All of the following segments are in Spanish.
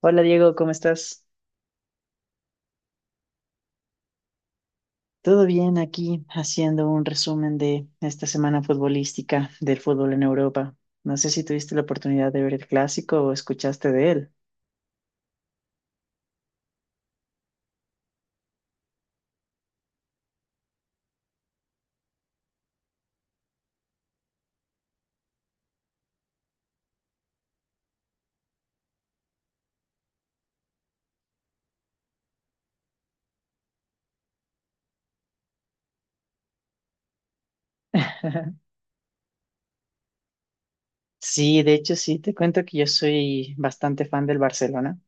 Hola Diego, ¿cómo estás? Todo bien aquí haciendo un resumen de esta semana futbolística del fútbol en Europa. No sé si tuviste la oportunidad de ver el clásico o escuchaste de él. Sí, de hecho sí, te cuento que yo soy bastante fan del Barcelona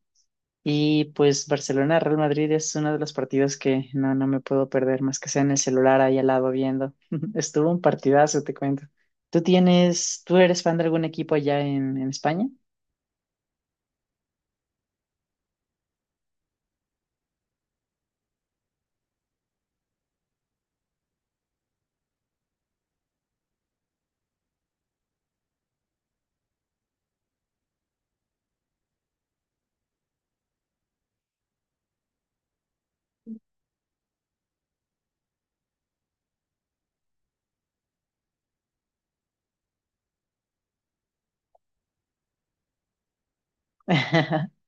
y pues Barcelona-Real Madrid es uno de los partidos que no me puedo perder más que sea en el celular ahí al lado viendo. Estuvo un partidazo, te cuento. ¿Tú tienes, tú eres fan de algún equipo allá en España?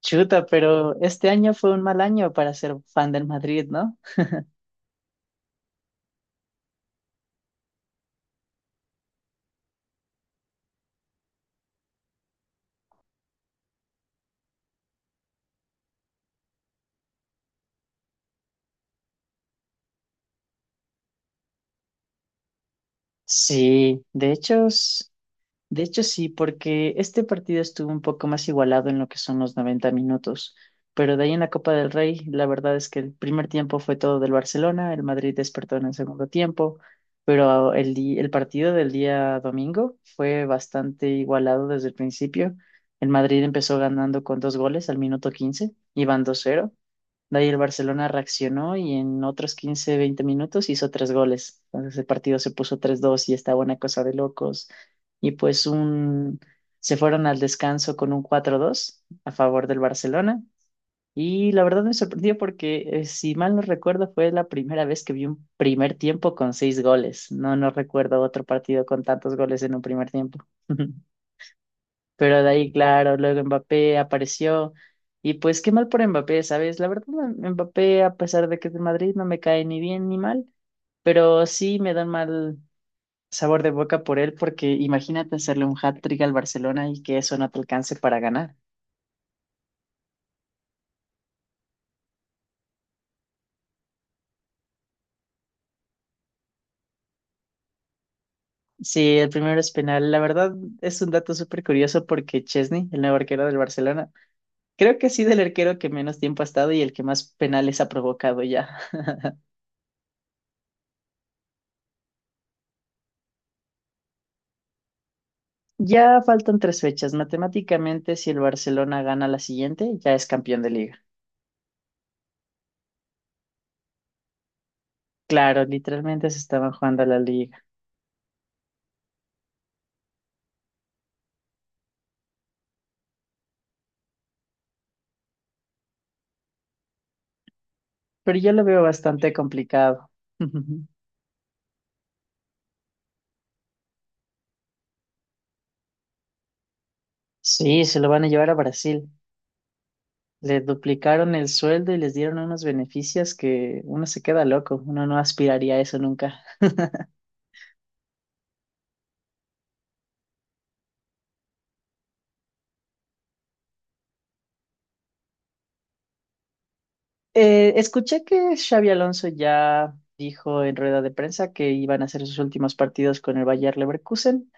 Chuta, pero este año fue un mal año para ser fan del Madrid, ¿no? Sí, de hecho, de hecho sí, porque este partido estuvo un poco más igualado en lo que son los 90 minutos, pero de ahí en la Copa del Rey, la verdad es que el primer tiempo fue todo del Barcelona, el Madrid despertó en el segundo tiempo, pero el partido del día domingo fue bastante igualado desde el principio. El Madrid empezó ganando con dos goles al minuto 15, iban 2-0. De ahí el Barcelona reaccionó y en otros 15 20 minutos hizo tres goles. Entonces el partido se puso tres dos y estaba una cosa de locos. Y pues un… se fueron al descanso con un cuatro dos a favor del Barcelona. Y la verdad me sorprendió porque, si mal no recuerdo, fue la primera vez que vi un primer tiempo con seis goles. No recuerdo otro partido con tantos goles en un primer tiempo. Pero de ahí, claro, luego Mbappé apareció. Y pues qué mal por Mbappé, ¿sabes? La verdad, Mbappé, a pesar de que es de Madrid, no me cae ni bien ni mal. Pero sí me da un mal sabor de boca por él, porque imagínate hacerle un hat-trick al Barcelona y que eso no te alcance para ganar. Sí, el primero es penal. La verdad es un dato súper curioso porque Chesney, el nuevo arquero del Barcelona, creo que ha sido el arquero que menos tiempo ha estado y el que más penales ha provocado ya. Ya faltan tres fechas. Matemáticamente, si el Barcelona gana la siguiente, ya es campeón de liga. Claro, literalmente se estaban jugando a la liga, pero yo lo veo bastante complicado. Sí, se lo van a llevar a Brasil. Le duplicaron el sueldo y les dieron unos beneficios que uno se queda loco, uno no aspiraría a eso nunca. Escuché que Xavi Alonso ya dijo en rueda de prensa que iban a hacer sus últimos partidos con el Bayer Leverkusen.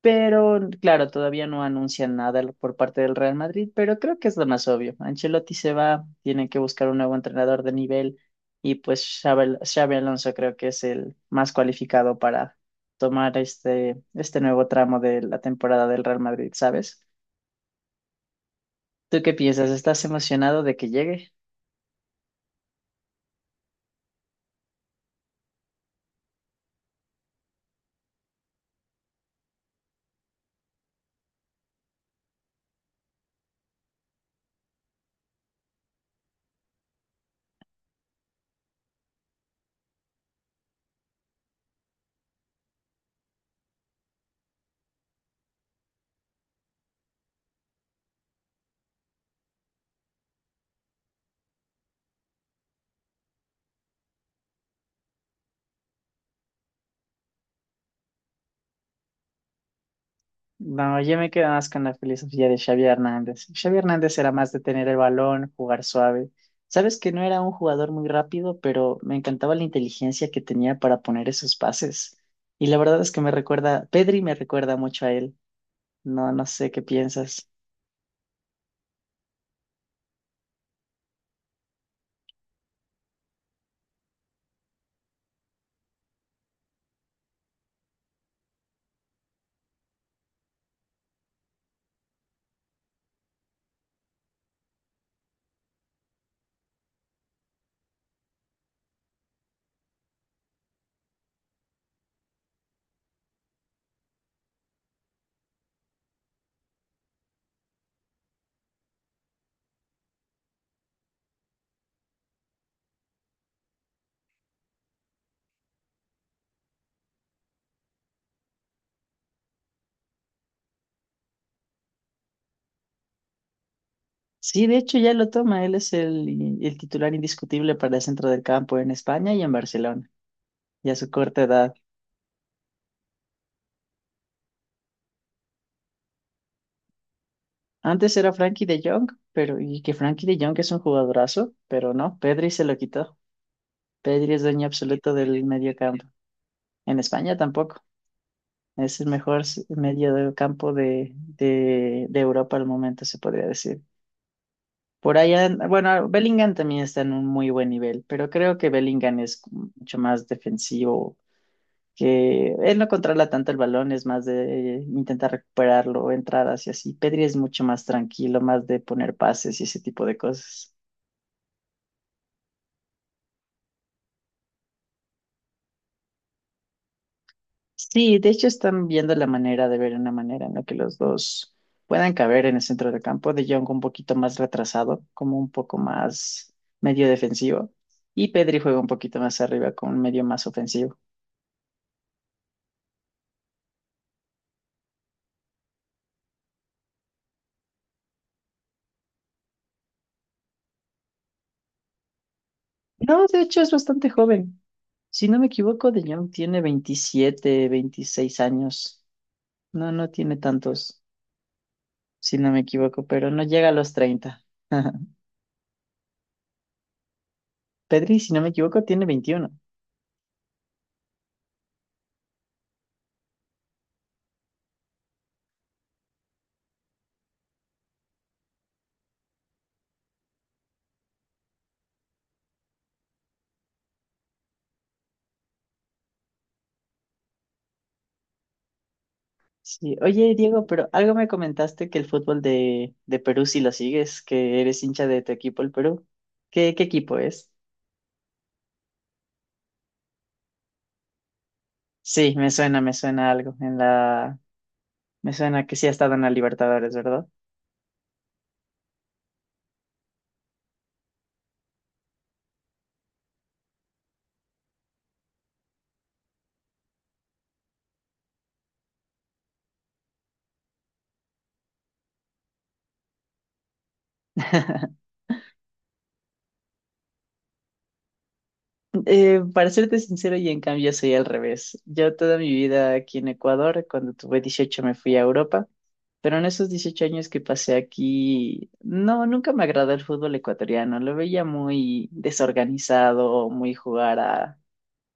Pero claro, todavía no anuncian nada por parte del Real Madrid, pero creo que es lo más obvio. Ancelotti se va, tienen que buscar un nuevo entrenador de nivel y pues Xabi Alonso creo que es el más cualificado para tomar este nuevo tramo de la temporada del Real Madrid, ¿sabes? ¿Tú qué piensas? ¿Estás emocionado de que llegue? No, yo me quedo más con la filosofía de Xavi Hernández. Xavi Hernández era más de tener el balón, jugar suave. Sabes que no era un jugador muy rápido, pero me encantaba la inteligencia que tenía para poner esos pases. Y la verdad es que me recuerda, Pedri me recuerda mucho a él. No, no sé qué piensas. Sí, de hecho ya lo toma. Él es el titular indiscutible para el centro del campo en España y en Barcelona, y a su corta edad. Antes era Frankie de Jong, pero y que Frankie de Jong es un jugadorazo, pero no, Pedri se lo quitó. Pedri es dueño absoluto del medio campo. En España tampoco. Es el mejor medio del campo de Europa al momento, se podría decir. Por allá, bueno, Bellingham también está en un muy buen nivel, pero creo que Bellingham es mucho más defensivo, que él no controla tanto el balón, es más de intentar recuperarlo, entradas y así. Pedri es mucho más tranquilo, más de poner pases y ese tipo de cosas. Sí, de hecho están viendo la manera de ver una manera en la que los dos puedan caber en el centro del campo, de Jong un poquito más retrasado, como un poco más medio defensivo, y Pedri juega un poquito más arriba con un medio más ofensivo. No, de hecho es bastante joven. Si no me equivoco, de Jong tiene 27, 26 años. No, no tiene tantos, si no me equivoco, pero no llega a los 30. Pedri, si no me equivoco, tiene 21. Sí, oye Diego, pero algo me comentaste que el fútbol de Perú si lo sigues, que eres hincha de tu equipo, el Perú. ¿Qué, qué equipo es? Sí, me suena algo. Me suena que sí ha estado en la Libertadores, ¿verdad? Para serte sincero, y en cambio soy al revés. Yo toda mi vida aquí en Ecuador, cuando tuve 18 me fui a Europa, pero en esos 18 años que pasé aquí, no, nunca me agradó el fútbol ecuatoriano. Lo veía muy desorganizado, muy jugar a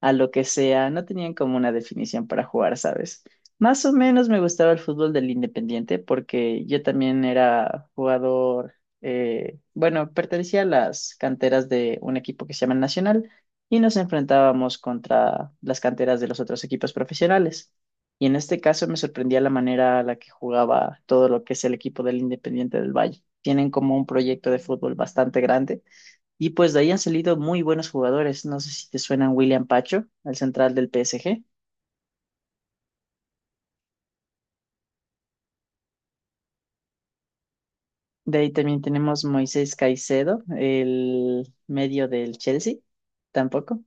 a lo que sea, no tenían como una definición para jugar, ¿sabes? Más o menos me gustaba el fútbol del Independiente porque yo también era jugador, bueno, pertenecía a las canteras de un equipo que se llama Nacional y nos enfrentábamos contra las canteras de los otros equipos profesionales. Y en este caso me sorprendía la manera a la que jugaba todo lo que es el equipo del Independiente del Valle. Tienen como un proyecto de fútbol bastante grande y pues de ahí han salido muy buenos jugadores. No sé si te suenan William Pacho, el central del PSG. De ahí también tenemos Moisés Caicedo, el medio del Chelsea, tampoco.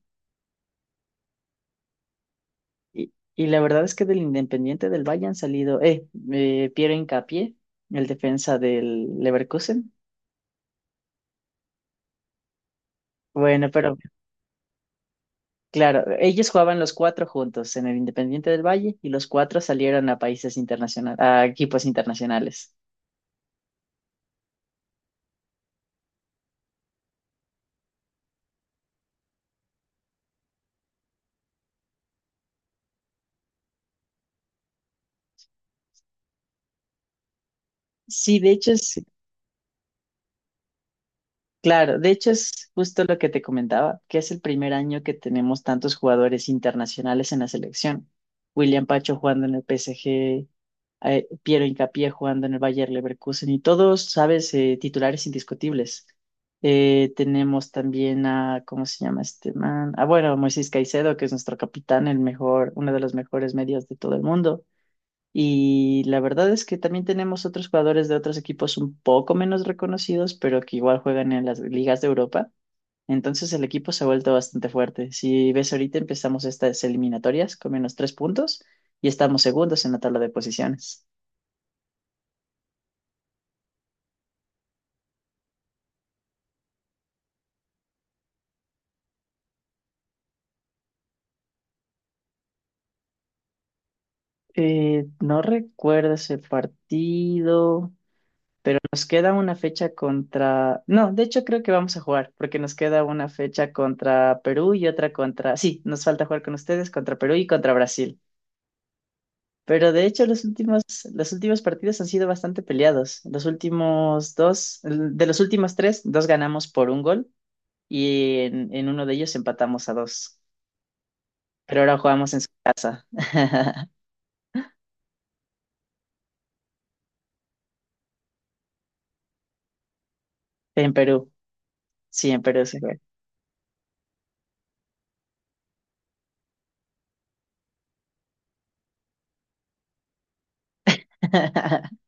Y la verdad es que del Independiente del Valle han salido, Piero Hincapié, el defensa del Leverkusen. Bueno, pero claro, ellos jugaban los cuatro juntos en el Independiente del Valle y los cuatro salieron a países internacionales, a equipos internacionales. Sí, de hecho es claro, de hecho es justo lo que te comentaba, que es el primer año que tenemos tantos jugadores internacionales en la selección. William Pacho jugando en el PSG, Piero Hincapié jugando en el Bayer Leverkusen y todos, sabes, titulares indiscutibles. Tenemos también a, ¿cómo se llama este man? Ah, bueno, Moisés Caicedo, que es nuestro capitán, el mejor, uno de los mejores medios de todo el mundo. Y la verdad es que también tenemos otros jugadores de otros equipos un poco menos reconocidos, pero que igual juegan en las ligas de Europa. Entonces el equipo se ha vuelto bastante fuerte. Si ves ahorita empezamos estas eliminatorias con menos tres puntos y estamos segundos en la tabla de posiciones. No recuerdo ese partido, pero nos queda una fecha contra… No, de hecho creo que vamos a jugar, porque nos queda una fecha contra Perú y otra contra… Sí, nos falta jugar con ustedes contra Perú y contra Brasil. Pero de hecho los últimos partidos han sido bastante peleados. Los últimos dos, de los últimos tres, dos ganamos por un gol y en uno de ellos empatamos a dos. Pero ahora jugamos en Perú. Sí, en Perú se juega.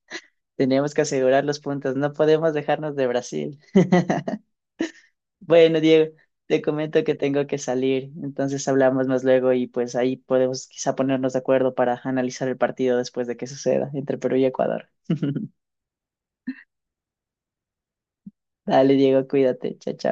Tenemos que asegurar los puntos, no podemos dejarnos de Brasil. Bueno, Diego, te comento que tengo que salir, entonces hablamos más luego y pues ahí podemos quizá ponernos de acuerdo para analizar el partido después de que suceda entre Perú y Ecuador. Dale, Diego, cuídate. Chao, chao.